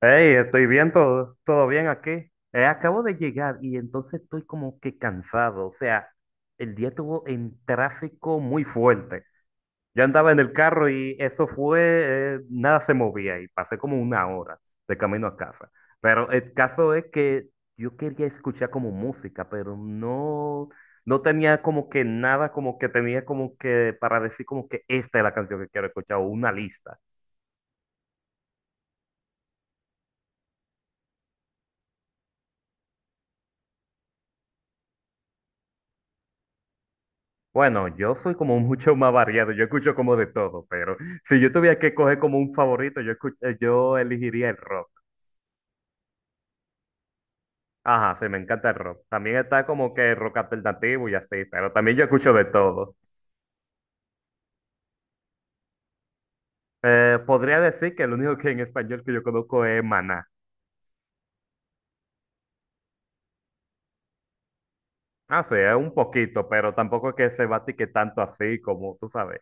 Hey, estoy bien, todo, todo bien aquí. Acabo de llegar y entonces estoy como que cansado. O sea, el día estuvo en tráfico muy fuerte. Yo andaba en el carro y eso fue, nada se movía y pasé como una hora de camino a casa. Pero el caso es que yo quería escuchar como música, pero no, no tenía como que nada, como que tenía como que para decir como que esta es la canción que quiero escuchar o una lista. Bueno, yo soy como mucho más variado, yo escucho como de todo, pero si yo tuviera que coger como un favorito, yo elegiría el rock. Ajá, sí, me encanta el rock. También está como que el rock alternativo y así, pero también yo escucho de todo. Podría decir que el único que en español que yo conozco es Maná. Ah, sí, es un poquito, pero tampoco es que se batique tanto así como tú sabes.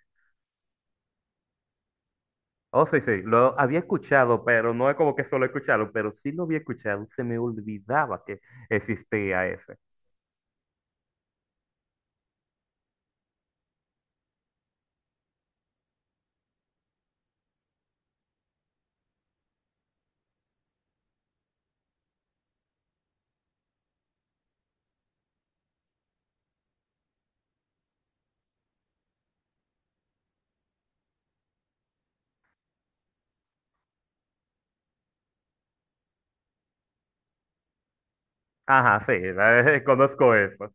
Oh, sí, sí, lo había escuchado, pero no es como que solo escucharlo, pero sí lo había escuchado, se me olvidaba que existía ese. Ajá, sí, conozco eso.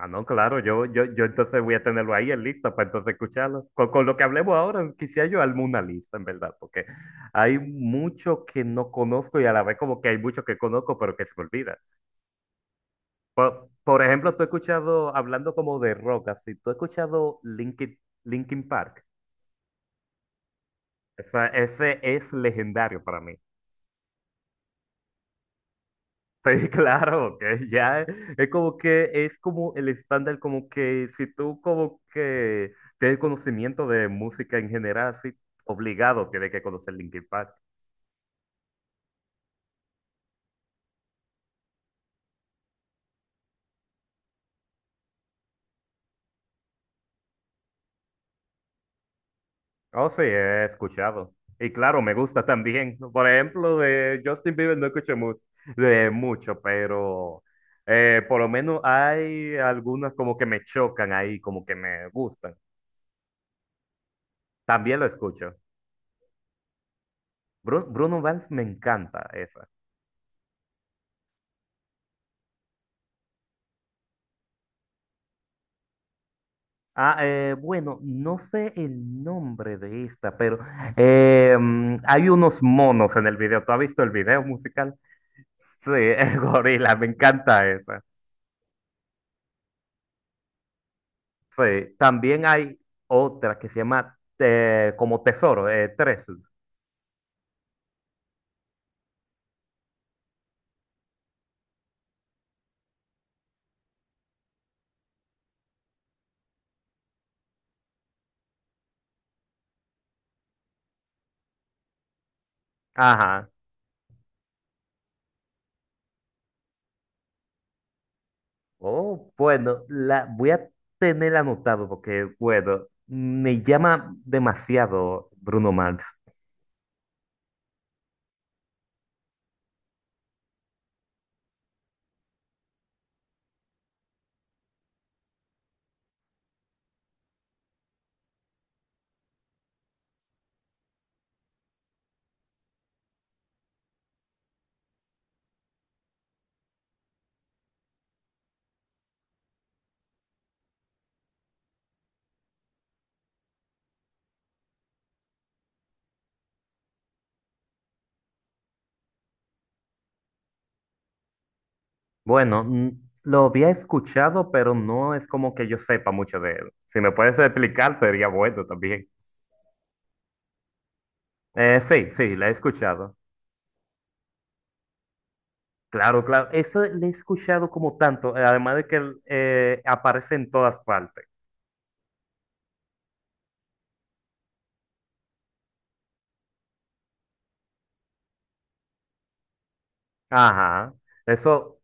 Ah, no, claro, yo entonces voy a tenerlo ahí en lista para entonces escucharlo. Con lo que hablemos ahora, quisiera yo armar una lista, en verdad, porque hay mucho que no conozco y a la vez como que hay mucho que conozco, pero que se me olvida. Por ejemplo, tú has escuchado, hablando como de rock, así, tú has escuchado Linkin Park. O sea, ese es legendario para mí. Sí, claro, que ya es como que es como el estándar, como que si tú como que tienes conocimiento de música en general, sí, obligado tienes que conocer Linkin Park. Oh, sí, he escuchado. Y claro, me gusta también. Por ejemplo, de Justin Bieber no escucho de mucho, pero por lo menos hay algunas como que me chocan ahí, como que me gustan. También lo escucho. Bruno Mars me encanta. Ah, bueno, no sé el nombre de esta, pero hay unos monos en el video. ¿Tú has visto el video musical? Sí, el gorila, me encanta esa. Sí, también hay otra que se llama como Tesoro, Treasure. Ajá. Oh, bueno, la voy a tener anotado porque, bueno, me llama demasiado Bruno Mars. Bueno, lo había escuchado, pero no es como que yo sepa mucho de él. Si me puedes explicar, sería bueno también. Sí, sí, la he escuchado. Claro, claro. Eso le he escuchado como tanto, además de que él, aparece en todas partes. Ajá. Eso,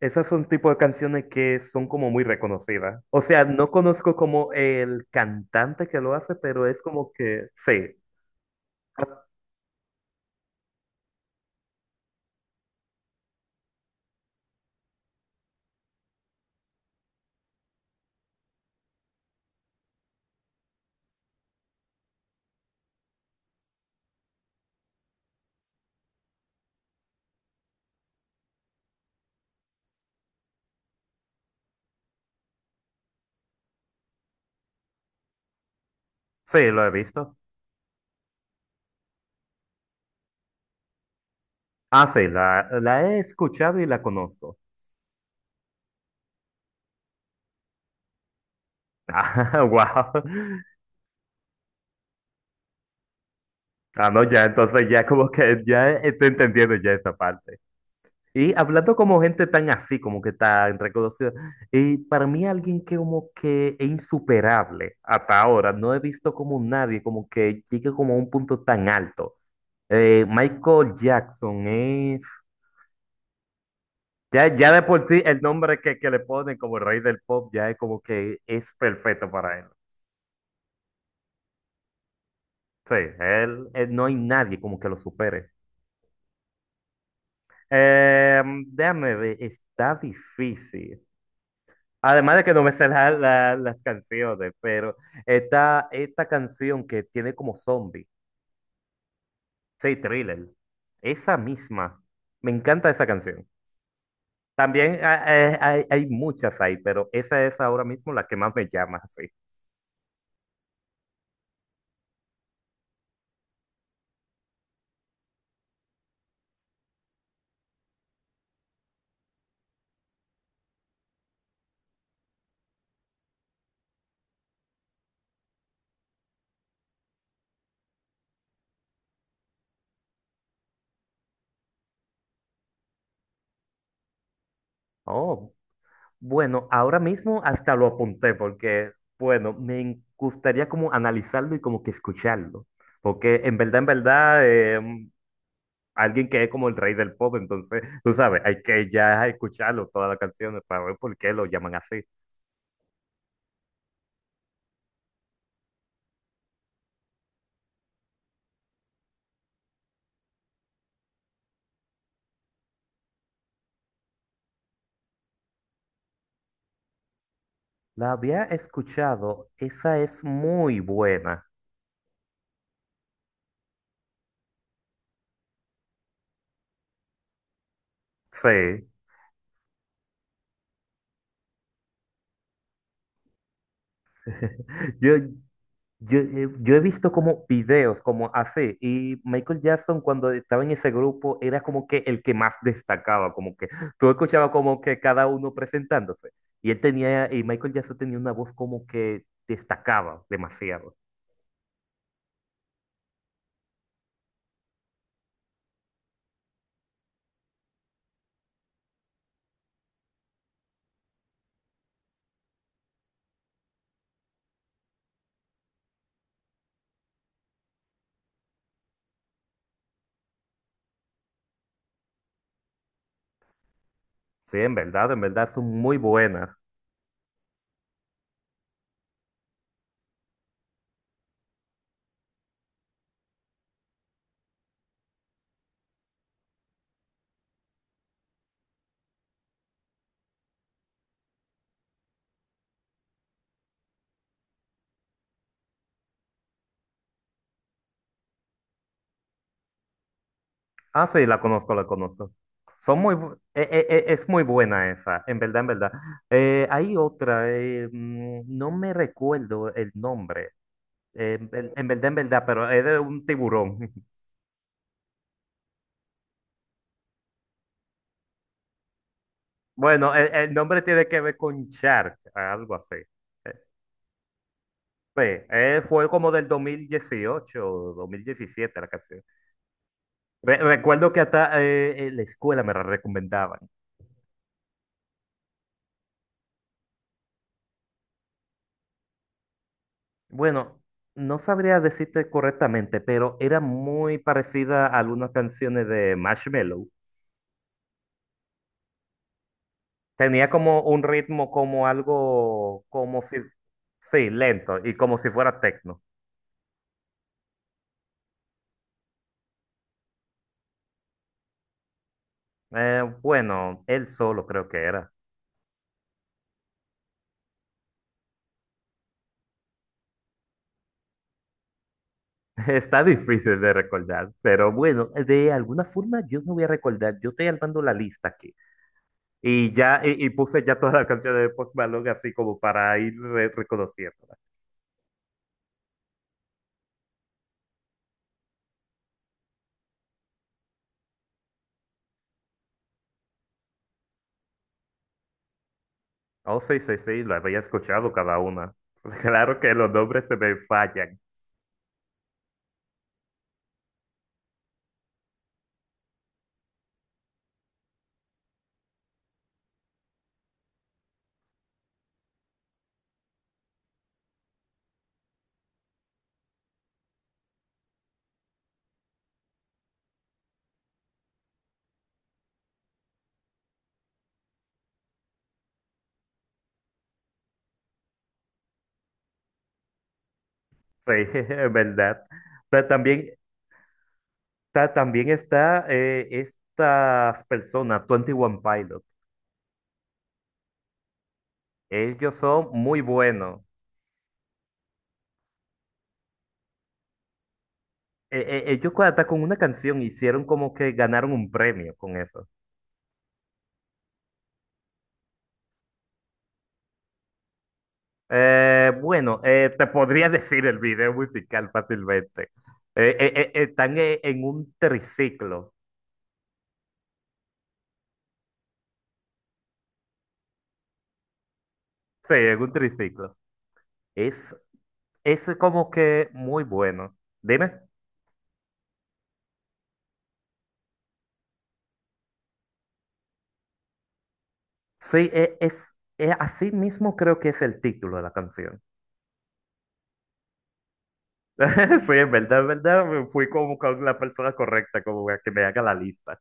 esas son tipo de canciones que son como muy reconocidas. O sea, no conozco como el cantante que lo hace, pero es como que sí. Ah, sí, lo he visto. Ah, sí, la he escuchado y la conozco. Ah, wow. Ah, no, ya, entonces ya como que ya estoy entendiendo ya esta parte. Y hablando como gente tan así, como que tan reconocida, y para mí alguien que como que es insuperable hasta ahora, no he visto como nadie como que llegue como a un punto tan alto. Michael Jackson es, ya, ya de por sí el nombre que le ponen como el rey del pop ya es como que es perfecto para él. Sí, él no hay nadie como que lo supere. Déjame ver, está difícil. Además de que no me sé las canciones, pero está esta canción que tiene como zombie, sí, Thriller, esa misma. Me encanta esa canción. También hay muchas ahí, pero esa es ahora mismo la que más me llama, sí. Oh, bueno, ahora mismo hasta lo apunté porque, bueno, gustaría como analizarlo y como que escucharlo, porque en verdad, en verdad, alguien que es como el rey del pop, entonces, tú sabes, hay que ya escucharlo, todas las canciones, para ver por qué lo llaman así. La había escuchado, esa es muy buena. Sí, yo, yo he visto como videos como así, y Michael Jackson cuando estaba en ese grupo era como que el que más destacaba, como que tú escuchabas como que cada uno presentándose, y Michael Jackson tenía una voz como que destacaba demasiado. Sí, en verdad son muy buenas. Ah, sí, la conozco, la conozco. Son muy, es muy buena esa, en verdad, en verdad. Hay otra, no me recuerdo el nombre, en verdad, pero es de un tiburón. Bueno, el nombre tiene que ver con Shark, algo así. Eh, Sí fue como del 2018 o diecisiete la canción. Recuerdo que hasta en la escuela me la recomendaban. Bueno, no sabría decirte correctamente, pero era muy parecida a algunas canciones de Marshmello. Tenía como un ritmo como algo, como si, sí, lento y como si fuera techno. Bueno, él solo creo que era. Está difícil de recordar, pero bueno, de alguna forma yo no voy a recordar. Yo estoy armando la lista aquí y ya y puse ya todas las canciones de Post Malone así como para ir reconociendo. Oh, sí, sí, sí, lo había escuchado cada una. Claro que los nombres se me fallan. Sí, es verdad. Pero también, también está estas personas, 21 Pilot. Ellos son muy buenos. Eh, ellos hasta con una canción hicieron como que ganaron un premio con eso. Bueno, te podría decir el video musical fácilmente. Están en un triciclo. Sí, en un triciclo. Es Es como que muy bueno. Dime. Sí, así mismo creo que es el título de la canción. Sí, en verdad, me fui como con la persona correcta, como para que me haga la lista.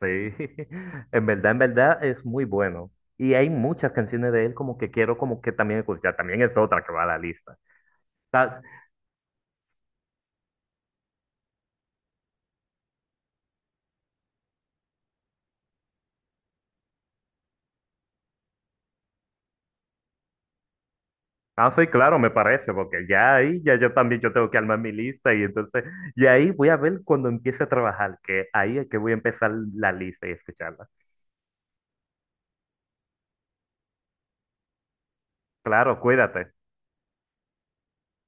Sí, en verdad es muy bueno. Y hay muchas canciones de él como que quiero como que también escuchar. También es otra que va a la lista. Ta- Ah, sí, claro, me parece, porque ya ahí, ya yo también yo tengo que armar mi lista y entonces, y ahí voy a ver cuando empiece a trabajar, que ahí es que voy a empezar la lista y escucharla. Claro, cuídate.